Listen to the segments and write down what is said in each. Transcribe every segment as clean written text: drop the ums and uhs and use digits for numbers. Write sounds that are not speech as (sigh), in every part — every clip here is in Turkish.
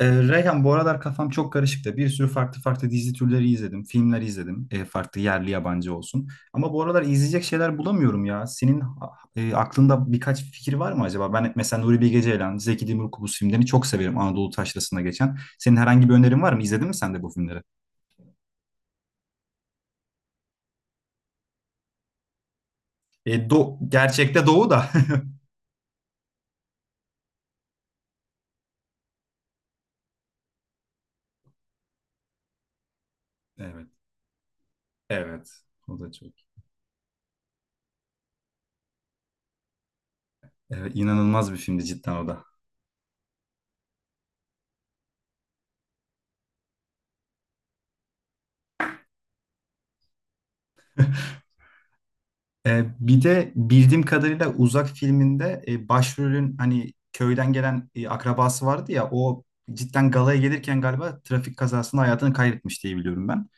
Reyhan, bu aralar kafam çok karışık da bir sürü farklı dizi türleri izledim, filmler izledim, farklı yerli yabancı olsun. Ama bu aralar izleyecek şeyler bulamıyorum ya. Senin aklında birkaç fikir var mı acaba? Ben mesela Nuri Bilge Ceylan, Zeki Demirkubuz filmlerini çok severim Anadolu Taşrası'nda geçen. Senin herhangi bir önerin var mı? İzledin mi sen de bu filmleri? E, do Gerçekte Doğu da. (laughs) Evet, evet. O da çok. Evet, inanılmaz bir filmdi cidden o da. Bir de bildiğim kadarıyla Uzak filminde başrolün hani köyden gelen akrabası vardı ya o cidden galaya gelirken galiba trafik kazasında hayatını kaybetmiş diye biliyorum ben.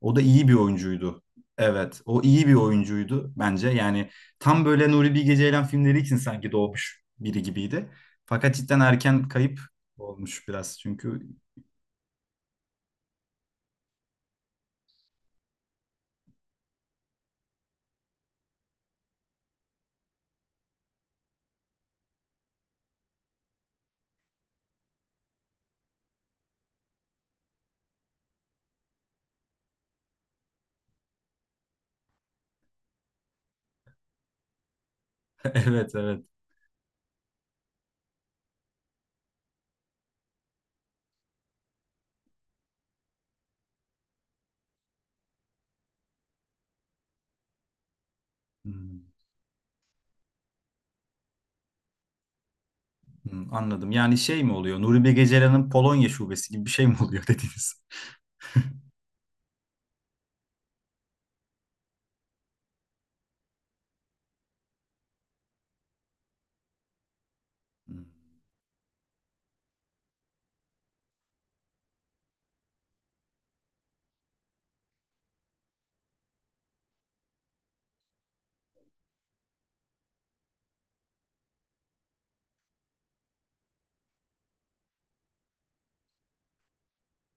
O da iyi bir oyuncuydu. Evet, o iyi bir oyuncuydu bence. Yani tam böyle Nuri Bilge Ceylan filmleri için sanki doğmuş biri gibiydi. Fakat cidden erken kayıp olmuş biraz çünkü. (laughs) Evet, evet. Hmm, hmm, anladım. Yani şey mi oluyor? Nuri Bilge Ceylan'ın Polonya şubesi gibi bir şey mi oluyor (laughs) dediniz? Hmm.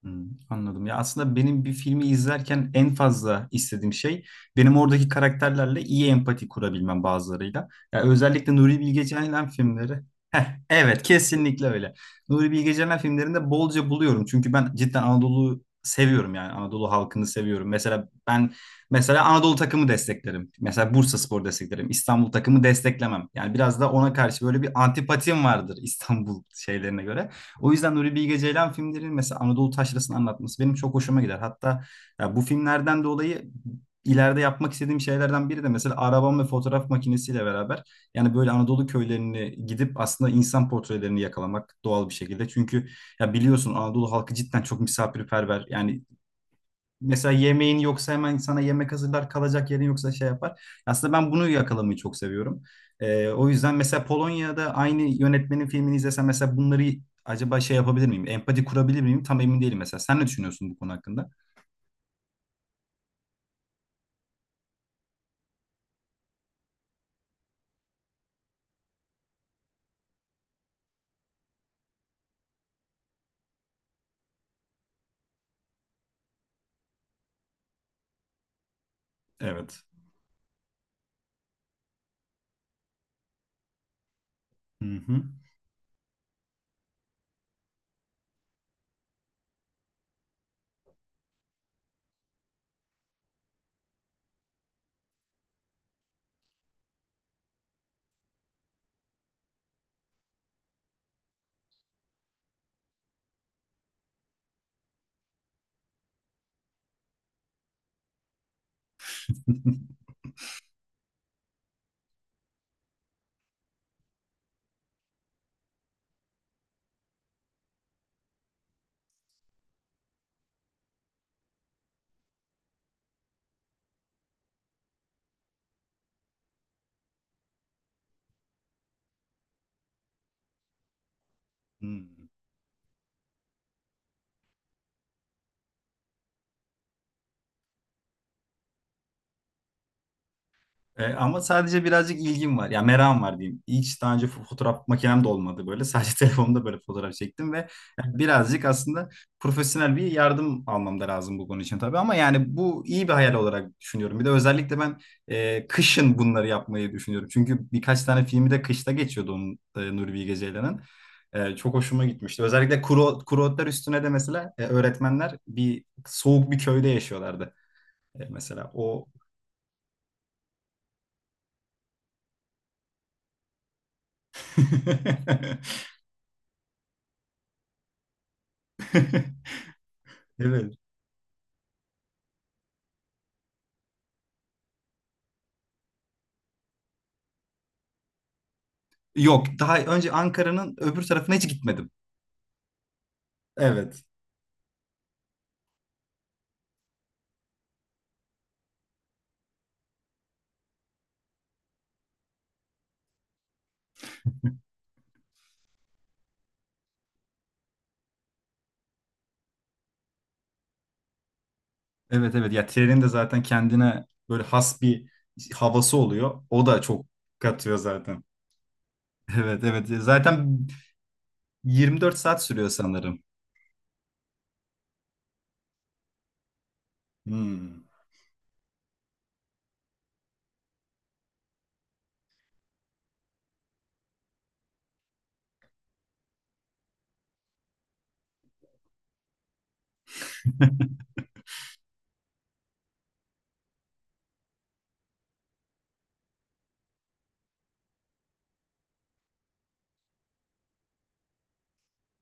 Hmm, anladım. Ya aslında benim bir filmi izlerken en fazla istediğim şey benim oradaki karakterlerle iyi empati kurabilmem bazılarıyla. Ya özellikle Nuri Bilge Ceylan filmleri. Heh, evet kesinlikle öyle. Nuri Bilge Ceylan filmlerinde bolca buluyorum. Çünkü ben cidden Anadolu'yu seviyorum yani Anadolu halkını seviyorum. Mesela ben Anadolu takımı desteklerim. Mesela Bursaspor desteklerim. İstanbul takımı desteklemem. Yani biraz da ona karşı böyle bir antipatim vardır İstanbul şeylerine göre. O yüzden Nuri Bilge Ceylan filmlerinin mesela Anadolu taşrasını anlatması benim çok hoşuma gider. Hatta ya bu filmlerden dolayı ileride yapmak istediğim şeylerden biri de mesela arabam ve fotoğraf makinesiyle beraber yani böyle Anadolu köylerini gidip aslında insan portrelerini yakalamak doğal bir şekilde. Çünkü ya biliyorsun Anadolu halkı cidden çok misafirperver. Yani mesela yemeğin yoksa hemen sana yemek hazırlar, kalacak yerin yoksa şey yapar. Aslında ben bunu yakalamayı çok seviyorum. O yüzden mesela Polonya'da aynı yönetmenin filmini izlesem mesela bunları acaba şey yapabilir miyim? Empati kurabilir miyim? Tam emin değilim mesela. Sen ne düşünüyorsun bu konu hakkında? Evet. Hı hı. (laughs) Hmm. Ama sadece birazcık ilgim var. Ya merakım var diyeyim. Hiç daha önce fotoğraf makinem de olmadı böyle. Sadece (laughs) telefonumda böyle fotoğraf çektim ve yani birazcık aslında profesyonel bir yardım almam da lazım bu konu için tabii. Ama yani bu iyi bir hayal olarak düşünüyorum. Bir de özellikle ben kışın bunları yapmayı düşünüyorum. Çünkü birkaç tane filmi de kışta geçiyordu onun Nuri Bilge Ceylan'ın. Çok hoşuma gitmişti. Özellikle kuru otlar üstüne de mesela öğretmenler bir soğuk bir köyde yaşıyorlardı. E, mesela o (laughs) Evet. Yok, daha önce Ankara'nın öbür tarafına hiç gitmedim. Evet. Evet evet ya trenin de zaten kendine böyle has bir havası oluyor. O da çok katıyor zaten. Evet, evet, zaten 24 saat sürüyor sanırım. Hmm.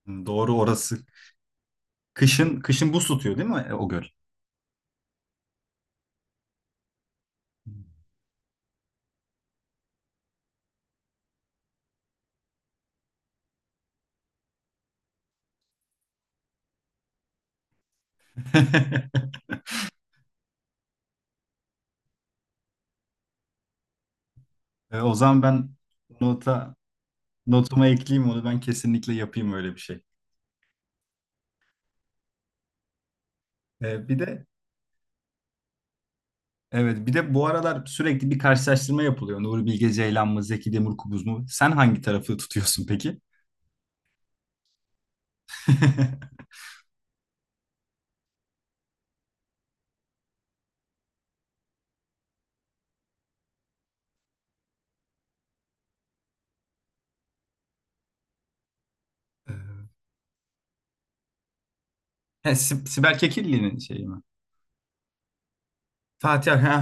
(laughs) Doğru orası. Kışın, buz tutuyor değil mi o göl? (laughs) E, o zaman ben nota notuma ekleyeyim onu, ben kesinlikle yapayım öyle bir şey. E, bir de evet, bir de bu aralar sürekli bir karşılaştırma yapılıyor. Nuri Bilge Ceylan mı, Zeki Demirkubuz mu? Sen hangi tarafı tutuyorsun peki? (laughs) Ee, Sibel Kekilli'nin şeyi mi? Ha.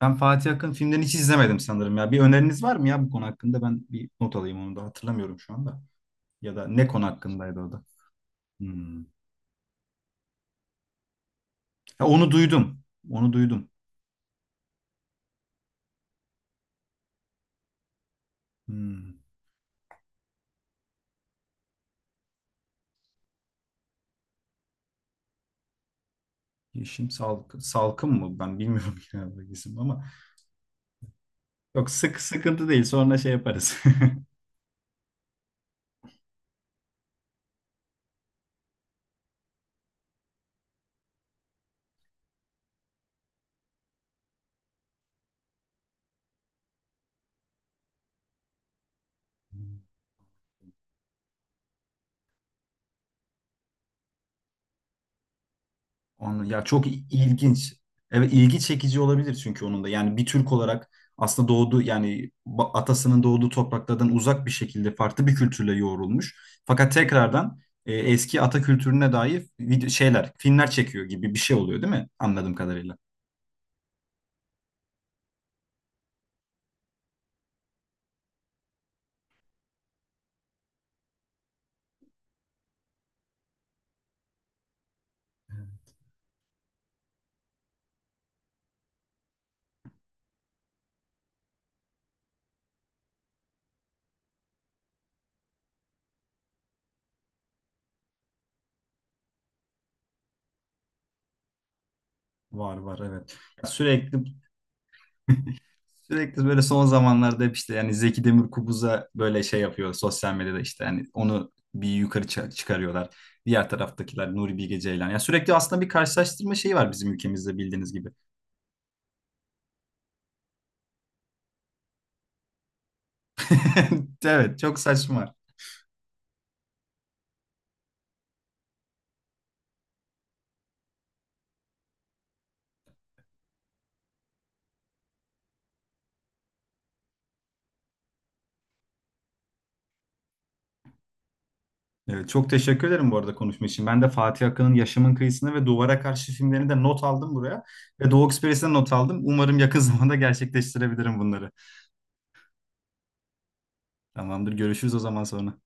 Ben Fatih Akın filmlerini hiç izlemedim sanırım ya. Bir öneriniz var mı ya bu konu hakkında? Ben bir not alayım, onu da hatırlamıyorum şu anda. Ya da ne konu hakkındaydı o da? Hmm. Ha, onu duydum. Onu duydum. Hmm. Yeşim Salkım mı? Ben bilmiyorum (laughs) yine bu isim ama. Yok, sıkıntı değil. Sonra şey yaparız. (laughs) Anladım. Ya çok ilginç. Evet ilgi çekici olabilir çünkü onun da. Yani bir Türk olarak aslında doğduğu yani atasının doğduğu topraklardan uzak bir şekilde farklı bir kültürle yoğrulmuş. Fakat tekrardan eski ata kültürüne dair video şeyler, filmler çekiyor gibi bir şey oluyor değil mi? Anladığım kadarıyla. Var, evet. Ya Sürekli Sürekli böyle son zamanlarda hep işte yani Zeki Demirkubuz'a böyle şey yapıyor sosyal medyada, işte yani onu bir yukarı çıkarıyorlar. Diğer taraftakiler Nuri Bilge Ceylan. Ya sürekli aslında bir karşılaştırma şeyi var bizim ülkemizde bildiğiniz gibi. (laughs) Evet çok saçma. Evet, çok teşekkür ederim bu arada konuşma için. Ben de Fatih Akın'ın Yaşamın Kıyısını ve Duvara Karşı filmlerini de not aldım buraya. Ve Doğu Ekspres'e not aldım. Umarım yakın (laughs) zamanda gerçekleştirebilirim bunları. Tamamdır, görüşürüz o zaman sonra.